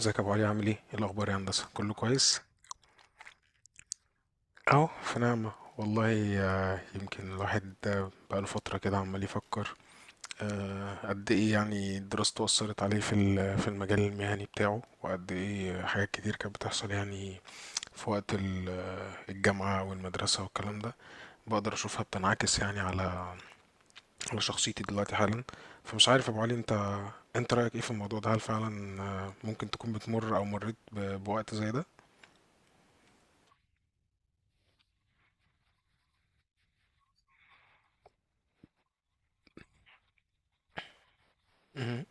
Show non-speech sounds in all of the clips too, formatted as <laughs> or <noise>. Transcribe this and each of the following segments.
ازيك يا ابو علي؟ عامل ايه الاخبار يا هندسه؟ كله كويس؟ اهو في نعمه. والله يمكن الواحد بقاله فتره كده عمال يفكر قد ايه يعني دراسته اثرت عليه في المجال المهني بتاعه، وقد ايه حاجات كتير كانت بتحصل، يعني في وقت الجامعه والمدرسه والكلام ده. بقدر اشوفها بتنعكس يعني على شخصيتي دلوقتي حالا. فمش عارف يا ابو علي، انت رايك ايه في الموضوع ده؟ هل فعلا ممكن تكون بتمر او مريت بوقت زي ده؟ مهم.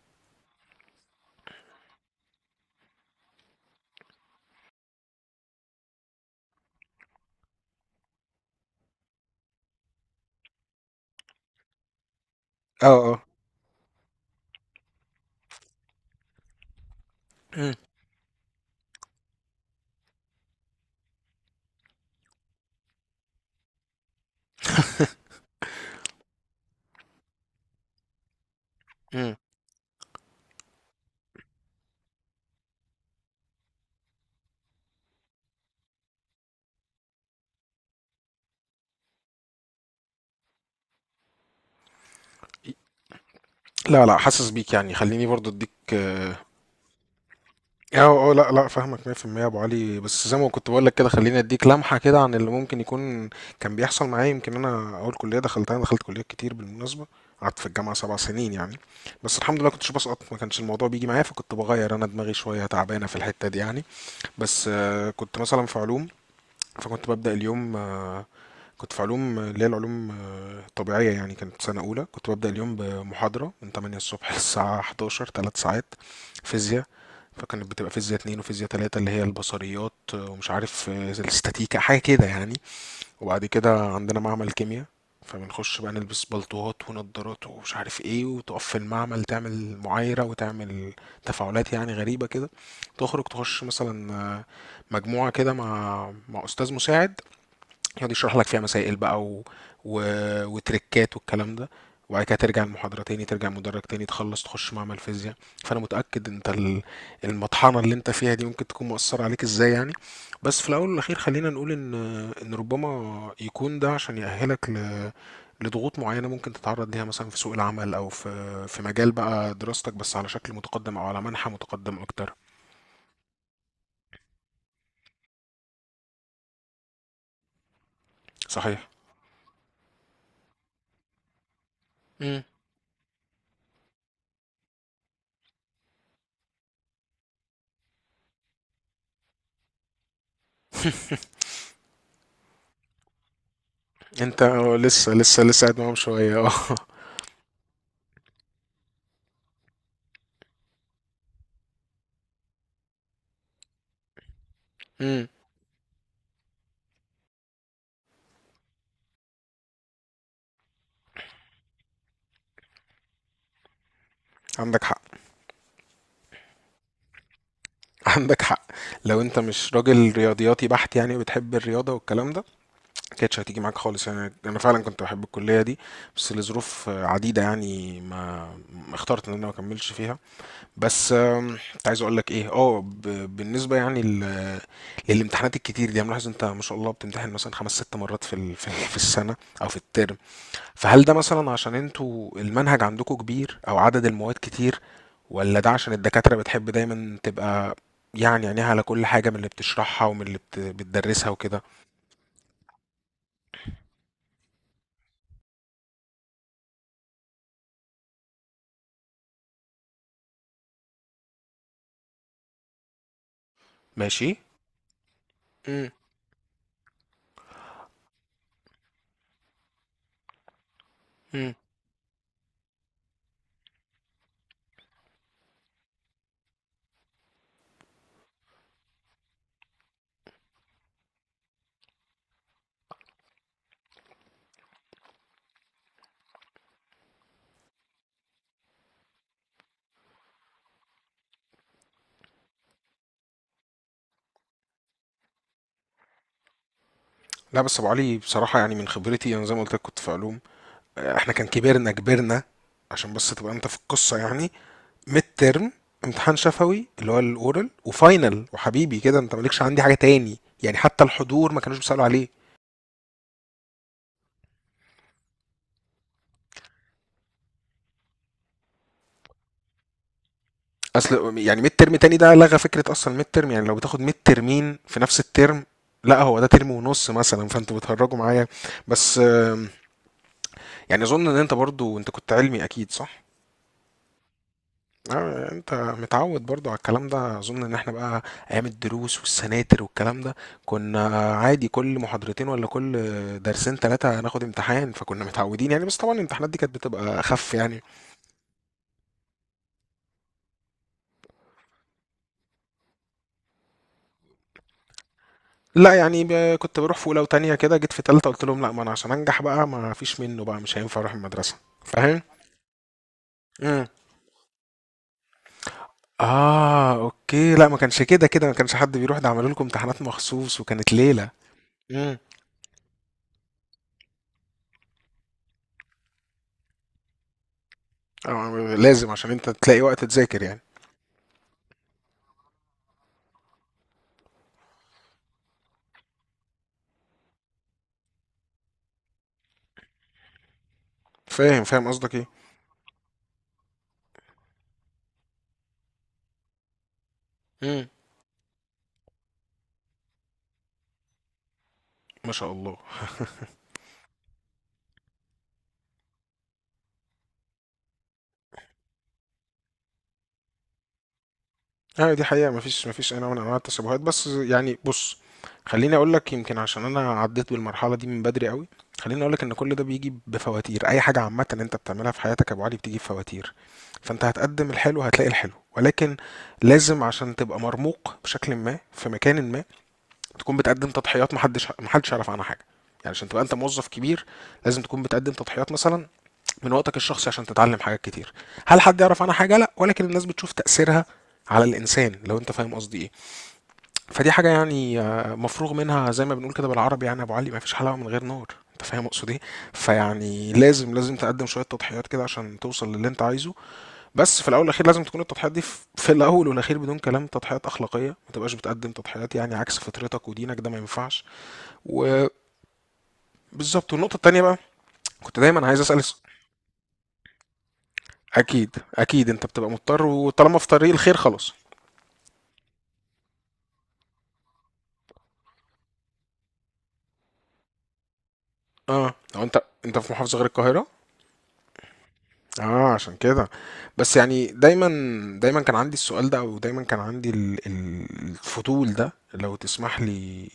اه. مم. مم. لا لا، حاسس بيك، يعني خليني برضو اديك. اه. اه لا لا، فاهمك 100% يا ابو علي، بس زي ما كنت بقول لك كده خليني اديك لمحه كده عن اللي ممكن يكون كان بيحصل معايا. يمكن انا اول كليه دخلتها، أنا دخلت كليات كتير بالمناسبه، قعدت في الجامعه 7 سنين يعني. بس الحمد لله كنتش بسقط، ما كانش الموضوع بيجي معايا، فكنت بغير انا دماغي، شويه تعبانه في الحته دي يعني. بس كنت مثلا في علوم، فكنت ببدأ اليوم كنت في علوم اللي هي العلوم الطبيعية، يعني كانت سنة أولى. كنت ببدأ اليوم بمحاضرة من 8 الصبح <laughs> للساعة 11، 3 ساعات فيزياء. فكانت بتبقى فيزياء 2 وفيزياء 3، اللي هي البصريات ومش عارف الاستاتيكا حاجة كده يعني. وبعد كده عندنا معمل كيمياء، فبنخش بقى نلبس بلطوات ونضارات ومش عارف ايه، وتقف في المعمل تعمل معايرة وتعمل تفاعلات يعني غريبة كده. تخرج تخش مثلا مجموعة كده مع أستاذ مساعد يقعد يشرح لك فيها مسائل بقى و... وتريكات والكلام ده. وبعد كده ترجع المحاضرة تاني، ترجع المدرج تاني، تخلص تخش معمل فيزياء. فأنا متأكد أنت المطحنة اللي أنت فيها دي ممكن تكون مؤثرة عليك إزاي يعني. بس في الأول والأخير، خلينا نقول إن ربما يكون ده عشان يأهلك لضغوط معينة ممكن تتعرض ليها مثلا في سوق العمل، أو في مجال بقى دراستك، بس على شكل متقدم أو على منحى متقدم أكتر. صحيح. مم. أنت لسه لسه قاعد معاهم شوية. <laughs> اه. مم. عندك حق. <laughs> عندك حق. لو انت مش راجل رياضياتي بحت يعني، وبتحب الرياضه والكلام ده، ما كانتش هتيجي معاك خالص، يعني انا فعلا كنت بحب الكليه دي، بس لظروف عديده يعني ما اخترت ان انا ما اكملش فيها. بس كنت عايز اقول لك ايه، اه بالنسبه يعني للامتحانات الكتير دي، انا ملاحظ انت ما شاء الله بتمتحن مثلا خمس ست مرات في السنه، او في الترم. فهل ده مثلا عشان انتوا المنهج عندكم كبير، او عدد المواد كتير، ولا ده عشان الدكاترة بتحب دايما تبقى يعني عينيها على كل حاجة من اللي بتشرحها، ومن اللي بتدرسها وكده؟ ماشي. امم. امم. لا بس ابو علي، بصراحة يعني من خبرتي انا زي ما قلت لك كنت في علوم، احنا كان كبرنا، عشان بس تبقى انت في القصة يعني: ميد ترم، امتحان شفوي اللي هو الاورال، وفاينل، وحبيبي كده انت مالكش عندي حاجة تاني يعني، حتى الحضور ما كانوش بيسألوا عليه. اصل يعني ميد ترم تاني ده لغى فكره اصلا ميد ترم، يعني لو بتاخد ميد ترمين في نفس الترم، لا هو ده ترم ونص مثلا، فانتوا بتهرجوا معايا. بس يعني اظن ان انت برضو، انت كنت علمي اكيد صح؟ انت متعود برضو على الكلام ده. اظن ان احنا بقى ايام الدروس والسناتر والكلام ده كنا عادي كل محاضرتين، ولا كل درسين ثلاثة هناخد امتحان، فكنا متعودين يعني، بس طبعا الامتحانات دي كانت بتبقى اخف يعني. لا يعني كنت بروح في اولى وتانية كده، جيت في تالتة قلت لهم لا، ما انا عشان انجح بقى ما فيش منه بقى، مش هينفع اروح المدرسة. فاهم. امم. اه اوكي، لا ما كانش كده كده ما كانش حد بيروح، ده عملوا لكم امتحانات مخصوص وكانت ليلة. امم. آه لازم، عشان انت تلاقي وقت تذاكر يعني. فاهم فاهم قصدك ايه. امم. ما شاء الله. اه دي حقيقة، مفيش أي نوع من أنواع التشابهات، بس يعني بص، خليني أقول لك يمكن عشان أنا عديت بالمرحلة دي من بدري قوي، خليني أقول لك إن كل ده بيجي بفواتير. أي حاجة عامة أنت بتعملها في حياتك يا أبو علي بتيجي بفواتير. فأنت هتقدم الحلو، هتلاقي الحلو، ولكن لازم عشان تبقى مرموق بشكل ما في مكان ما، تكون بتقدم تضحيات محدش يعرف عنها حاجة. يعني عشان تبقى أنت موظف كبير، لازم تكون بتقدم تضحيات مثلا من وقتك الشخصي عشان تتعلم حاجات كتير. هل حد يعرف عنها حاجه؟ لا، ولكن الناس بتشوف تاثيرها على الانسان، لو انت فاهم قصدي ايه. فدي حاجه يعني مفروغ منها، زي ما بنقول كده بالعربي يعني، ابو علي، ما فيش حلاوه من غير نار. انت فاهم اقصد ايه؟ فيعني لازم تقدم شويه تضحيات كده عشان توصل للي انت عايزه. بس في الاول والاخير لازم تكون التضحيات دي في الاول والاخير، بدون كلام، تضحيات اخلاقيه، ما تبقاش بتقدم تضحيات يعني عكس فطرتك ودينك، ده ما ينفعش. وبالظبط. والنقطه التانيه بقى، كنت دايما عايز اسال. اكيد انت بتبقى مضطر، وطالما في طريق الخير خلاص. اه، لو انت، انت في محافظة غير القاهرة. اه عشان كده. بس يعني دايما، دايما كان عندي السؤال ده، او دايما كان عندي الفضول ده، لو تسمح لي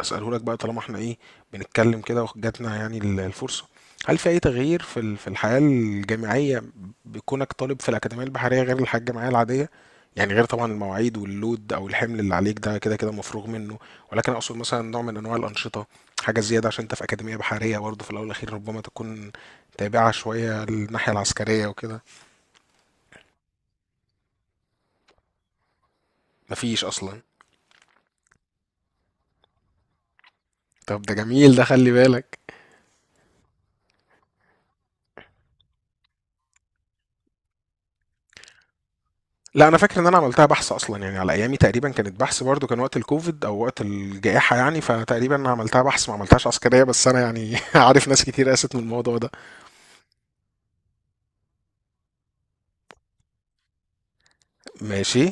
اساله لك بقى، طالما احنا ايه بنتكلم كده وجاتنا يعني الفرصه. هل في اي تغيير في الحياه الجامعيه بكونك طالب في الاكاديميه البحريه، غير الحياه الجامعيه العاديه؟ يعني غير طبعا المواعيد واللود او الحمل اللي عليك، ده كده كده مفروغ منه، ولكن اقصد مثلا نوع من انواع الانشطه، حاجه زياده، عشان انت في اكاديميه بحريه برضه، في الاول والاخير ربما تكون تابعة شوية الناحية العسكرية وكده. مفيش أصلا؟ طب ده جميل، ده خلي بالك. لا أنا فاكر إن أنا عملتها بحث أصلا، يعني على أيامي تقريبا كانت بحث برضو، كان وقت الكوفيد أو وقت الجائحة يعني، فتقريبا أنا عملتها بحث ما عملتهاش عسكرية، بس أنا يعني <laughs> عارف ناس كتير قاست من الموضوع ده. ماشي.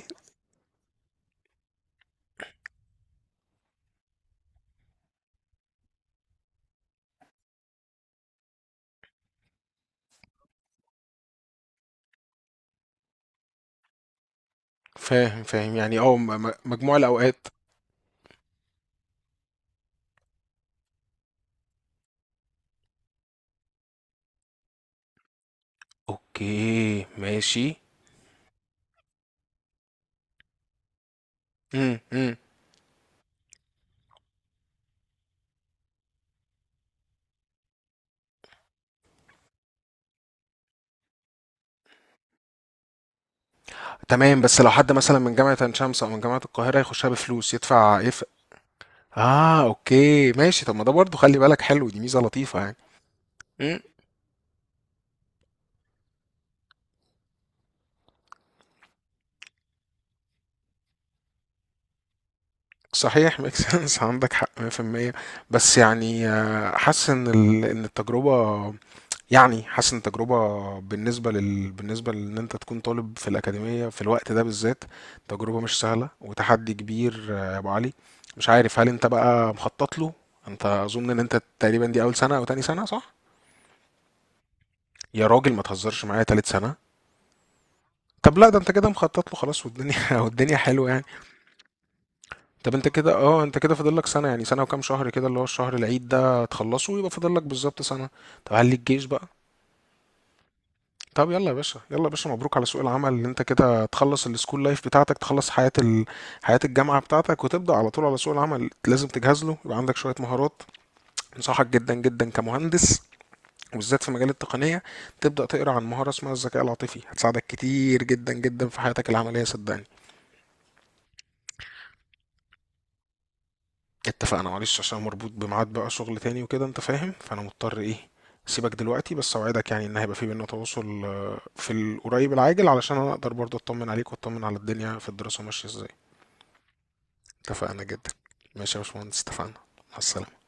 فاهم فاهم، يعني اه مجموع الأوقات. أوكي ماشي. امم. امم. تمام، بس لو حد مثلا من جامعة عين شمس أو من جامعة القاهرة يخشها بفلوس، يدفع إيه اه. اوكي ماشي، طب ما ده برضه خلي بالك حلو، دي ميزه لطيفه يعني. مم. صحيح، ميك سنس. <laughs> عندك حق 100%. بس يعني حاسس ان ان التجربه، يعني حاسس ان التجربه بالنسبه لل، بالنسبه لان انت تكون طالب في الاكاديميه في الوقت ده بالذات، تجربه مش سهله وتحدي كبير يا ابو علي. مش عارف هل انت بقى مخطط له؟ انت اظن ان انت تقريبا دي اول سنه او تاني سنه، صح؟ يا راجل ما تهزرش معايا، تالت سنه؟ طب لا، ده انت كده مخطط له خلاص، والدنيا <laughs> والدنيا حلوه يعني. طب انت كده، اه انت كده فاضل لك سنة، يعني سنة وكام شهر كده، اللي هو الشهر العيد ده تخلصه ويبقى فاضل لك بالظبط سنة. طب هل ليك جيش بقى؟ طب يلا يا باشا، يلا يا باشا، مبروك على سوق العمل، اللي انت كده تخلص السكول لايف بتاعتك، تخلص حياة حياة الجامعة بتاعتك، وتبدأ على طول على سوق العمل. لازم تجهز له، يبقى عندك شوية مهارات. انصحك جدا جدا كمهندس، وبالذات في مجال التقنية، تبدأ تقرأ عن مهارة اسمها الذكاء العاطفي، هتساعدك كتير جدا جدا في حياتك العملية صدقني. اتفقنا؟ معلش عشان مربوط بميعاد بقى شغل تاني وكده، انت فاهم، فانا مضطر ايه سيبك دلوقتي، بس اوعدك يعني ان هيبقى في بينا تواصل في القريب العاجل، علشان انا اقدر برضه اطمن عليك واطمن على الدنيا، في الدراسة ماشية ازاي. اتفقنا جدا. ماشي يا باشمهندس، اتفقنا. مع السلامة.